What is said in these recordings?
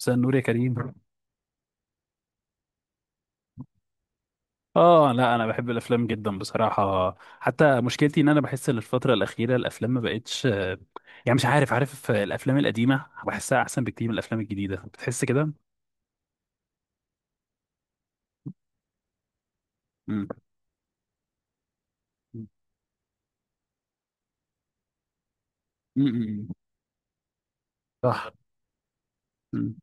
مساء النور يا كريم. اه، لا انا بحب الافلام جدا بصراحه، حتى مشكلتي ان انا بحس ان الفتره الاخيره الافلام ما بقتش يعني مش عارف الافلام القديمه بحسها احسن بكتير من الافلام الجديده، بتحس كده. امم، امم، صح. مم.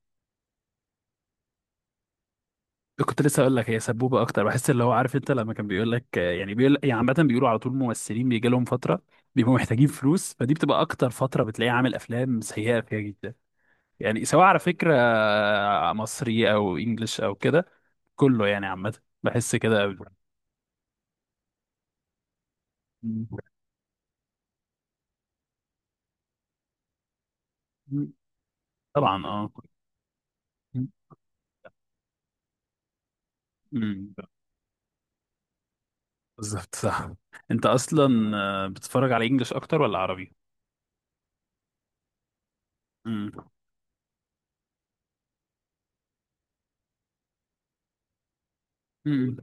كنت لسه اقول لك، هي سبوبه اكتر، بحس اللي هو عارف انت لما كان بيقول لك يعني بيقول، يعني عامه بيقولوا على طول الممثلين بيجي لهم فتره بيبقوا محتاجين فلوس، فدي بتبقى اكتر فتره بتلاقيه عامل افلام سيئه فيها جدا، يعني سواء على فكره مصري او انجلش او كده، كله يعني عامة بحس كده قوي. مم. مم. طبعا، اه. امم، بالظبط صح. انت اصلا بتتفرج على انجلش اكتر ولا عربي؟ امم، امم،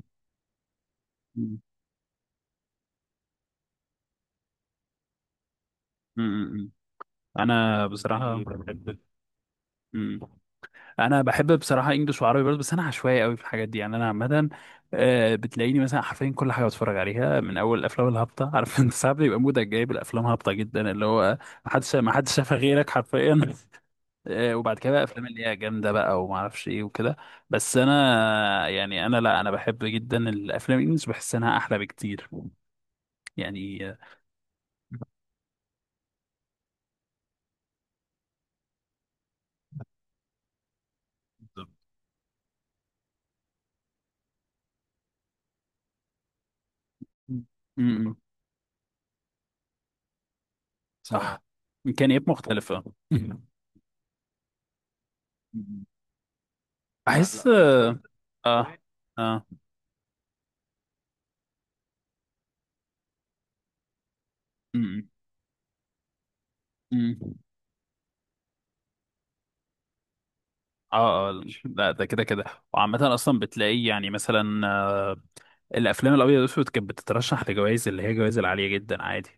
امم، امم، انا بصراحه بحب. امم، انا بحب بصراحه انجلش وعربي برضه، بس انا عشوائي قوي في الحاجات دي، يعني انا عامه بتلاقيني مثلا حرفيا كل حاجه بتفرج عليها من اول الافلام الهابطه عارف انت ساعات بيبقى مودك جايب الافلام هابطه جدا، اللي هو ما حدش شافها غيرك حرفيا. وبعد كده بقى افلام اللي هي جامده بقى وما اعرفش ايه وكده. بس انا يعني انا لا انا بحب جدا الافلام الانجليش، بحس انها احلى بكتير يعني م- اه، صح. امكانيات مختلفه م- لا، بحس. لا، لا، اه، اه، اه، م- م- م. اه، لا ده كده كده. وعامة أصلا بتلاقيه يعني مثلا الافلام الابيض والاسود كانت بتترشح لجوائز اللي هي جوائز العاليه جدا، عادي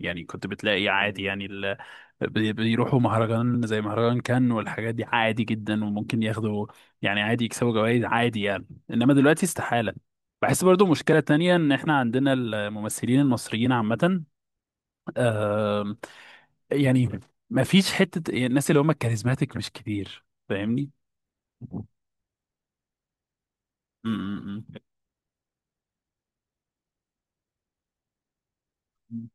يعني. كنت بتلاقي عادي يعني ال... بيروحوا مهرجان زي مهرجان كان والحاجات دي عادي جدا، وممكن ياخدوا يعني عادي، يكسبوا جوائز عادي يعني. انما دلوقتي استحاله. بحس برضو مشكلة تانية ان احنا عندنا الممثلين المصريين عامة، آه، يعني ما فيش حتة. الناس اللي هم الكاريزماتيك مش كتير، فاهمني؟ م- م- م.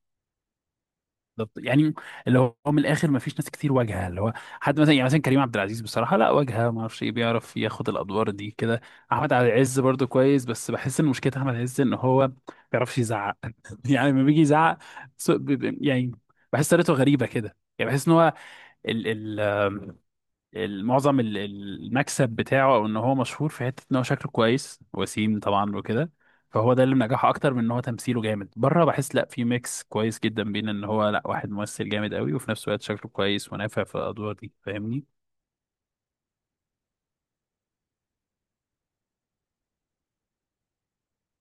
بالظبط يعني، اللي هو من الاخر ما فيش ناس كتير واجهه، اللي هو حد مثلا، يعني مثلا كريم عبد العزيز بصراحه، لا واجهه ما اعرفش ايه، بيعرف ياخد الادوار دي كده. احمد عز برضو كويس، بس بحس ان مشكله احمد عز ان هو ما بيعرفش يزعق يعني لما بيجي يزعق يعني بحس طريقته غريبه كده، يعني بحس ان هو ال ال معظم المكسب بتاعه، او ان هو مشهور في حته ان هو شكله كويس، وسيم طبعا وكده، فهو ده اللي منجحه اكتر من ان هو تمثيله جامد. بره بحس لا، في ميكس كويس جدا بين ان هو لا واحد ممثل جامد قوي وفي نفس الوقت شكله كويس ونافع في الادوار دي، فاهمني؟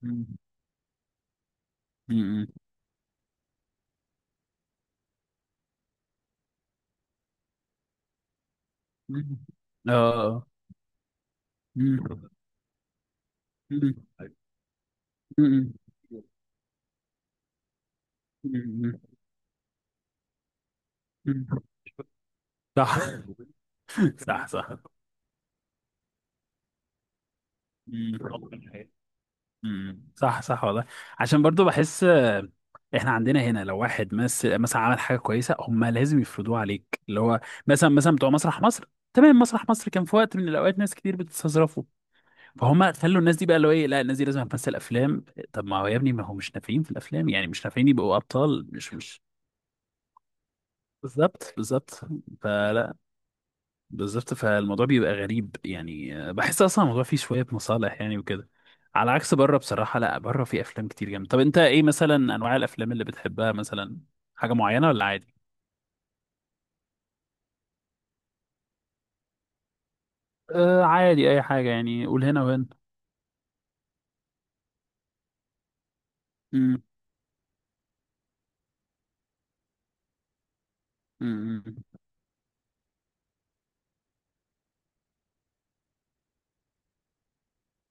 مم. مم. مم. اه. مم. مم. مم. مم. مم. صح. صح، صح. مم. امم، صح، صح والله. عشان برضو بحس احنا عندنا هنا لو واحد مثلا عمل حاجه كويسه، هم لازم يفرضوها عليك، اللي هو مثلا مثلا بتوع مسرح مصر. تمام، مسرح مصر كان في وقت من الاوقات ناس كتير بتستظرفه، فهم خلوا الناس دي بقى اللي هو ايه، لا الناس دي لازم هتمثل افلام. طب ما هو يا ابني ما هو مش نافعين في الافلام، يعني مش نافعين يبقوا ابطال، مش بالظبط بالظبط. فلا، بالظبط. فالموضوع بيبقى غريب يعني بحس اصلا الموضوع فيه شويه مصالح يعني وكده. على عكس بره بصراحه، لا بره في افلام كتير جامده. طب انت ايه مثلا انواع الافلام اللي بتحبها مثلا، حاجه معينه ولا عادي؟ آه، عادي اي حاجه يعني، قول هنا وهنا. امم، امم،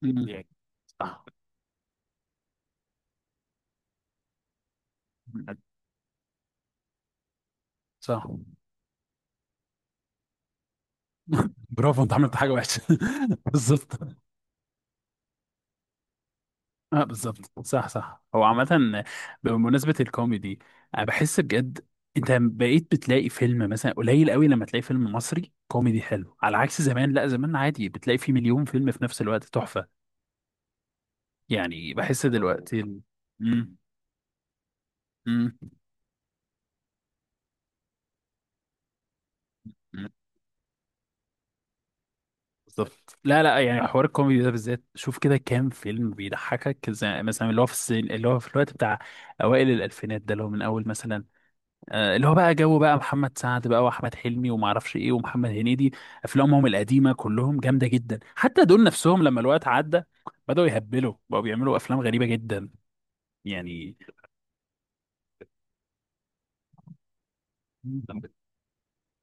أمم. يعني صح. برافو، انت عملت حاجه وحشه. بالظبط. اه، بالظبط، صح، صح. هو عامة بمناسبة الكوميدي، انا بحس بجد انت بقيت بتلاقي فيلم مثلا قليل قوي لما تلاقي فيلم مصري كوميدي حلو، على عكس زمان، لا زمان عادي بتلاقي فيه مليون فيلم في نفس الوقت تحفة، يعني بحس دلوقتي ال... مم. مم. مم. بالظبط. لا، لا، يعني حوار الكوميدي ده بالذات شوف كده كام فيلم بيضحكك، زي مثلا اللي هو في السن اللي هو في الوقت بتاع اوائل الالفينات ده، اللي هو من اول مثلا اللي هو بقى جو بقى محمد سعد بقى، واحمد حلمي وما اعرفش ايه، ومحمد هنيدي. افلامهم القديمه كلهم جامده جدا، حتى دول نفسهم لما الوقت عدى بداوا يهبلوا، بقوا بيعملوا افلام غريبه جدا يعني.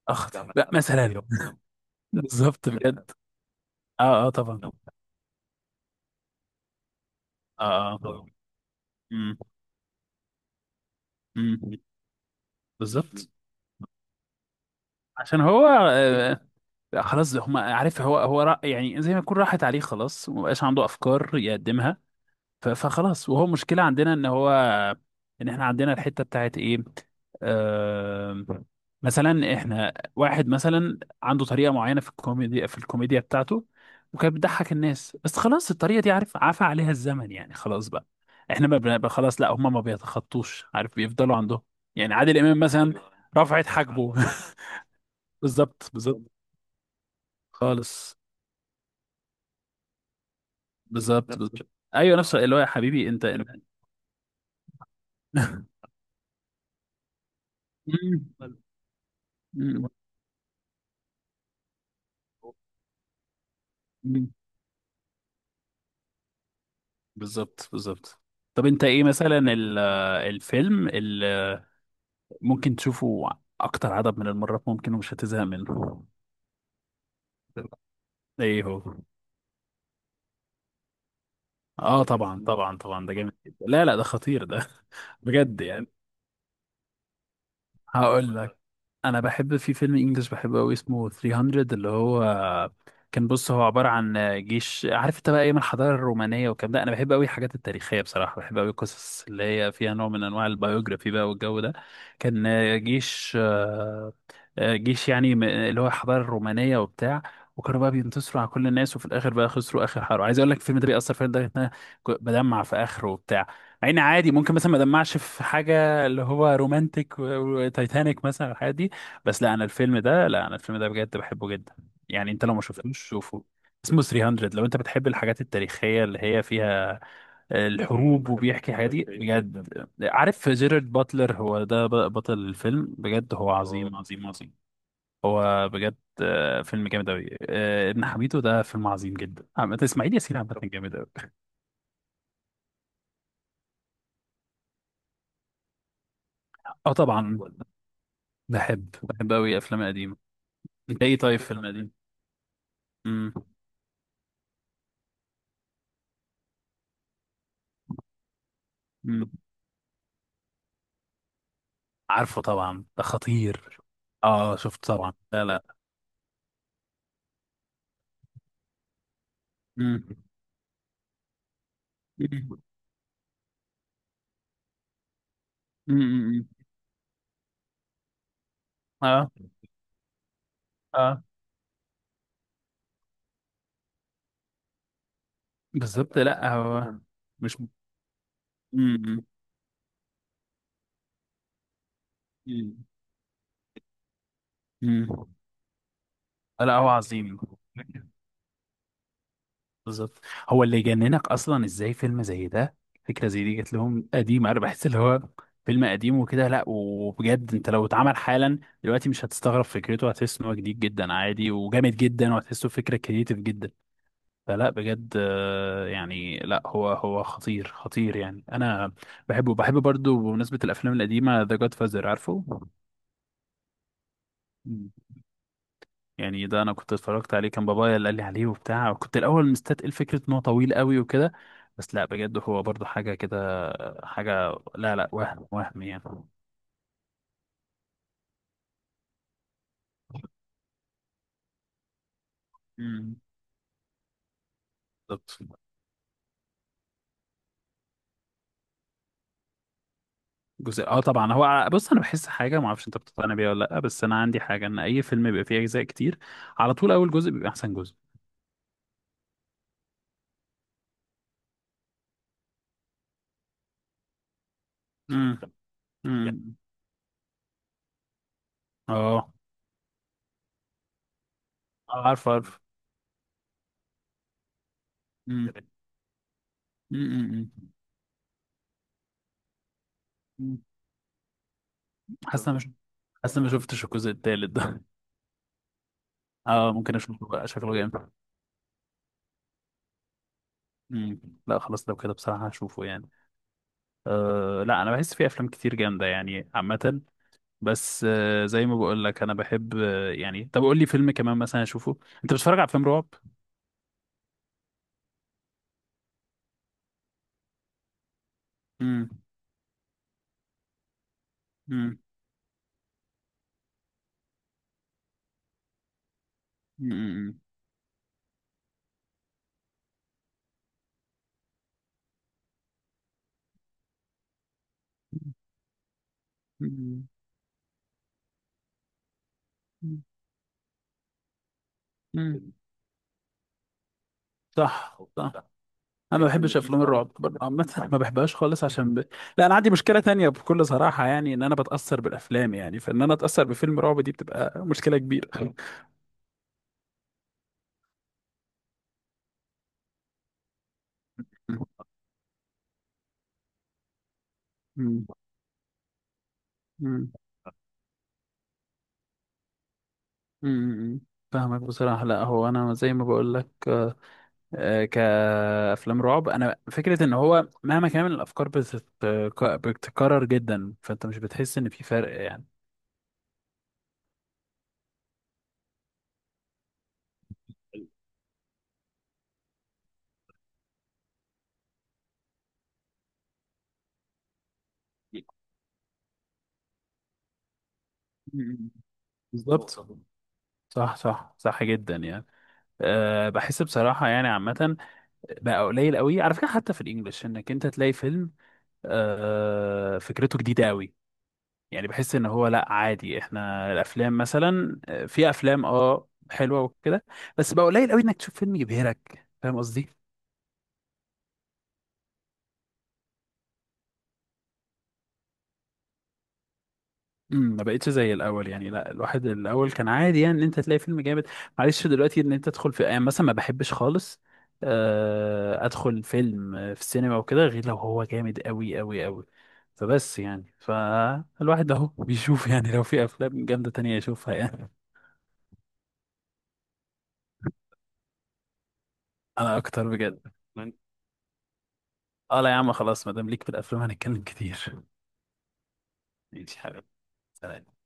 اخ، بقى مثلا. بالظبط بجد. اه، اه طبعا. اه، اه. امم، امم، بالظبط. عشان هو آه، خلاص هم عارف، هو هو يعني زي ما يكون راحت عليه خلاص، ومبقاش عنده افكار يقدمها، فخلاص. وهو مشكلة عندنا ان هو ان احنا عندنا الحتة بتاعت ايه، آه، مثلا احنا واحد مثلا عنده طريقة معينة في الكوميديا، في الكوميديا بتاعته، وكانت بتضحك الناس، بس خلاص الطريقة دي عارف عفى عليها الزمن، يعني خلاص بقى احنا ما بن- خلاص، لا هم ما بيتخطوش عارف، بيفضلوا عندهم يعني عادل امام مثلا رفعت حاجبه. بالظبط بالظبط خالص. بالظبط بالظبط. ايوه نفس اللي هو، يا حبيبي انت. انت. مم. مم. بالظبط بالظبط. طب انت ايه مثلا الفيلم اللي ممكن تشوفه اكتر عدد من المرات ممكن ومش هتزهق منه؟ ايه هو؟ اه طبعا طبعا طبعا، ده جامد جدا، لا لا ده خطير ده. بجد يعني هقول لك، انا بحب في فيلم انجلش بحبه قوي اسمه 300، اللي هو كان، بص هو عباره عن جيش عارف انت، بقى ايام الحضاره الرومانيه والكلام ده. انا بحب قوي الحاجات التاريخيه بصراحه، بحب قوي القصص اللي هي فيها نوع من انواع البيوجرافي بقى والجو ده. كان جيش جيش يعني اللي هو الحضاره الرومانيه وبتاع، وكانوا بقى بينتصروا على كل الناس، وفي الاخر بقى خسروا اخر حرب. عايز اقول لك الفيلم ده بيأثر فيا لدرجه ان انا بدمع في اخره وبتاع، مع ان عادي ممكن مثلا ما ادمعش في حاجه اللي هو رومانتك وتايتانيك مثلا، الحاجات دي. بس لا انا الفيلم ده بجد بحبه جدا يعني. انت لو ما شفتوش شوفه، اسمه 300، لو انت بتحب الحاجات التاريخية اللي هي فيها الحروب وبيحكي حاجات دي بجد. عارف جيرارد باتلر، هو ده بطل الفيلم، بجد هو اه عظيم عظيم عظيم. هو بجد فيلم جامد أوي. آه، ابن حميدو ده فيلم عظيم جدا، عامة إسماعيل ياسين عامة جامد أوي. اه طبعا، بحب بحب أوي الأفلام القديمة. انت ايه طيب فيلم قديم؟ امم، أمم. عارفه طبعا، ده خطير. اه، شفت طبعا، لا لا. مم. مم. مم. مم. اه، اه، بالظبط. لا هو مش. مم. مم. مم. لا هو عظيم. بالظبط. هو اللي يجننك اصلا، ازاي فيلم زي ده، فكره زي دي جت لهم قديم؟ انا بحس اللي هو فيلم قديم وكده، لا وبجد انت لو اتعمل حالا دلوقتي مش هتستغرب فكرته، هتحس ان هو جديد جدا عادي وجامد جدا، وهتحسه فكره كريتيف جدا. فلا بجد يعني لا هو هو خطير خطير يعني. انا بحبه، برضو بمناسبة الافلام القديمة، ذا جاد فازر عارفه؟ مم. يعني ده انا كنت اتفرجت عليه، كان بابايا اللي قال لي عليه وبتاع، وكنت الاول مستتقل فكرة ان هو طويل قوي وكده، بس لا بجد هو برضو حاجة كده. حاجة، لا لا، وهم وهم يعني. مم. بالظبط. جزء، اه طبعا. هو بص انا بحس حاجه ما اعرفش انت بتقتنع بيها ولا لا، بس انا عندي حاجه ان اي فيلم بيبقى فيه اجزاء كتير على طول اول جزء بيبقى احسن جزء. امم، اه، عارف، عارف. مم. مم، مم، مم. حاسس شفت انا مش حاسس انا ما شفتش الجزء التالت ده. اه، ممكن اشوفه بقى، شكله جامد. مم. لا، خلاص لو كده بصراحة هشوفه يعني. آه، لا انا بحس في افلام كتير جامدة يعني عامة، بس آه زي ما بقول لك انا بحب، آه يعني طب قول لي فيلم كمان مثلا اشوفه. انت بتتفرج على افلام رعب؟ امم، امم، امم، امم، صح، صح. انا ما بحبش افلام الرعب برضه عامه ما بحبهاش خالص، عشان لا انا عندي مشكله تانية بكل صراحه يعني، ان انا بتاثر بالافلام يعني، فان انا اتاثر بفيلم رعب دي بتبقى مشكله كبيره. مم. مم. مم. مم. فاهمك بصراحة. لا هو أنا زي ما بقول لك كأفلام رعب، أنا فكرة إن هو مهما كان الأفكار بتتكرر جدا، فأنت مش بتحس إن في فرق يعني. مم. بالظبط. صح، صح، صح جدا يعني. أه، بحس بصراحة يعني عامة بقى قليل قوي، على فكره حتى في الانجليش، انك انت تلاقي فيلم آه فكرته جديده قوي. يعني بحس ان هو لا عادي، احنا الافلام مثلا في افلام اه حلوه وكده، بس بقى قليل قوي انك تشوف فيلم يبهرك، فاهم قصدي؟ امم، ما بقتش زي الاول يعني. لا، الواحد الاول كان عادي يعني ان انت تلاقي فيلم جامد. معلش دلوقتي ان انت تدخل في يعني مثلا ما بحبش خالص ادخل فيلم في السينما وكده غير لو هو جامد قوي قوي قوي. فبس يعني، فالواحد اهو بيشوف يعني لو في افلام جامده تانية يشوفها يعني. انا اكتر بجد. اه، لا يا عم خلاص، ما دام ليك في الافلام هنتكلم كتير. ماشي حبيبي، سلام.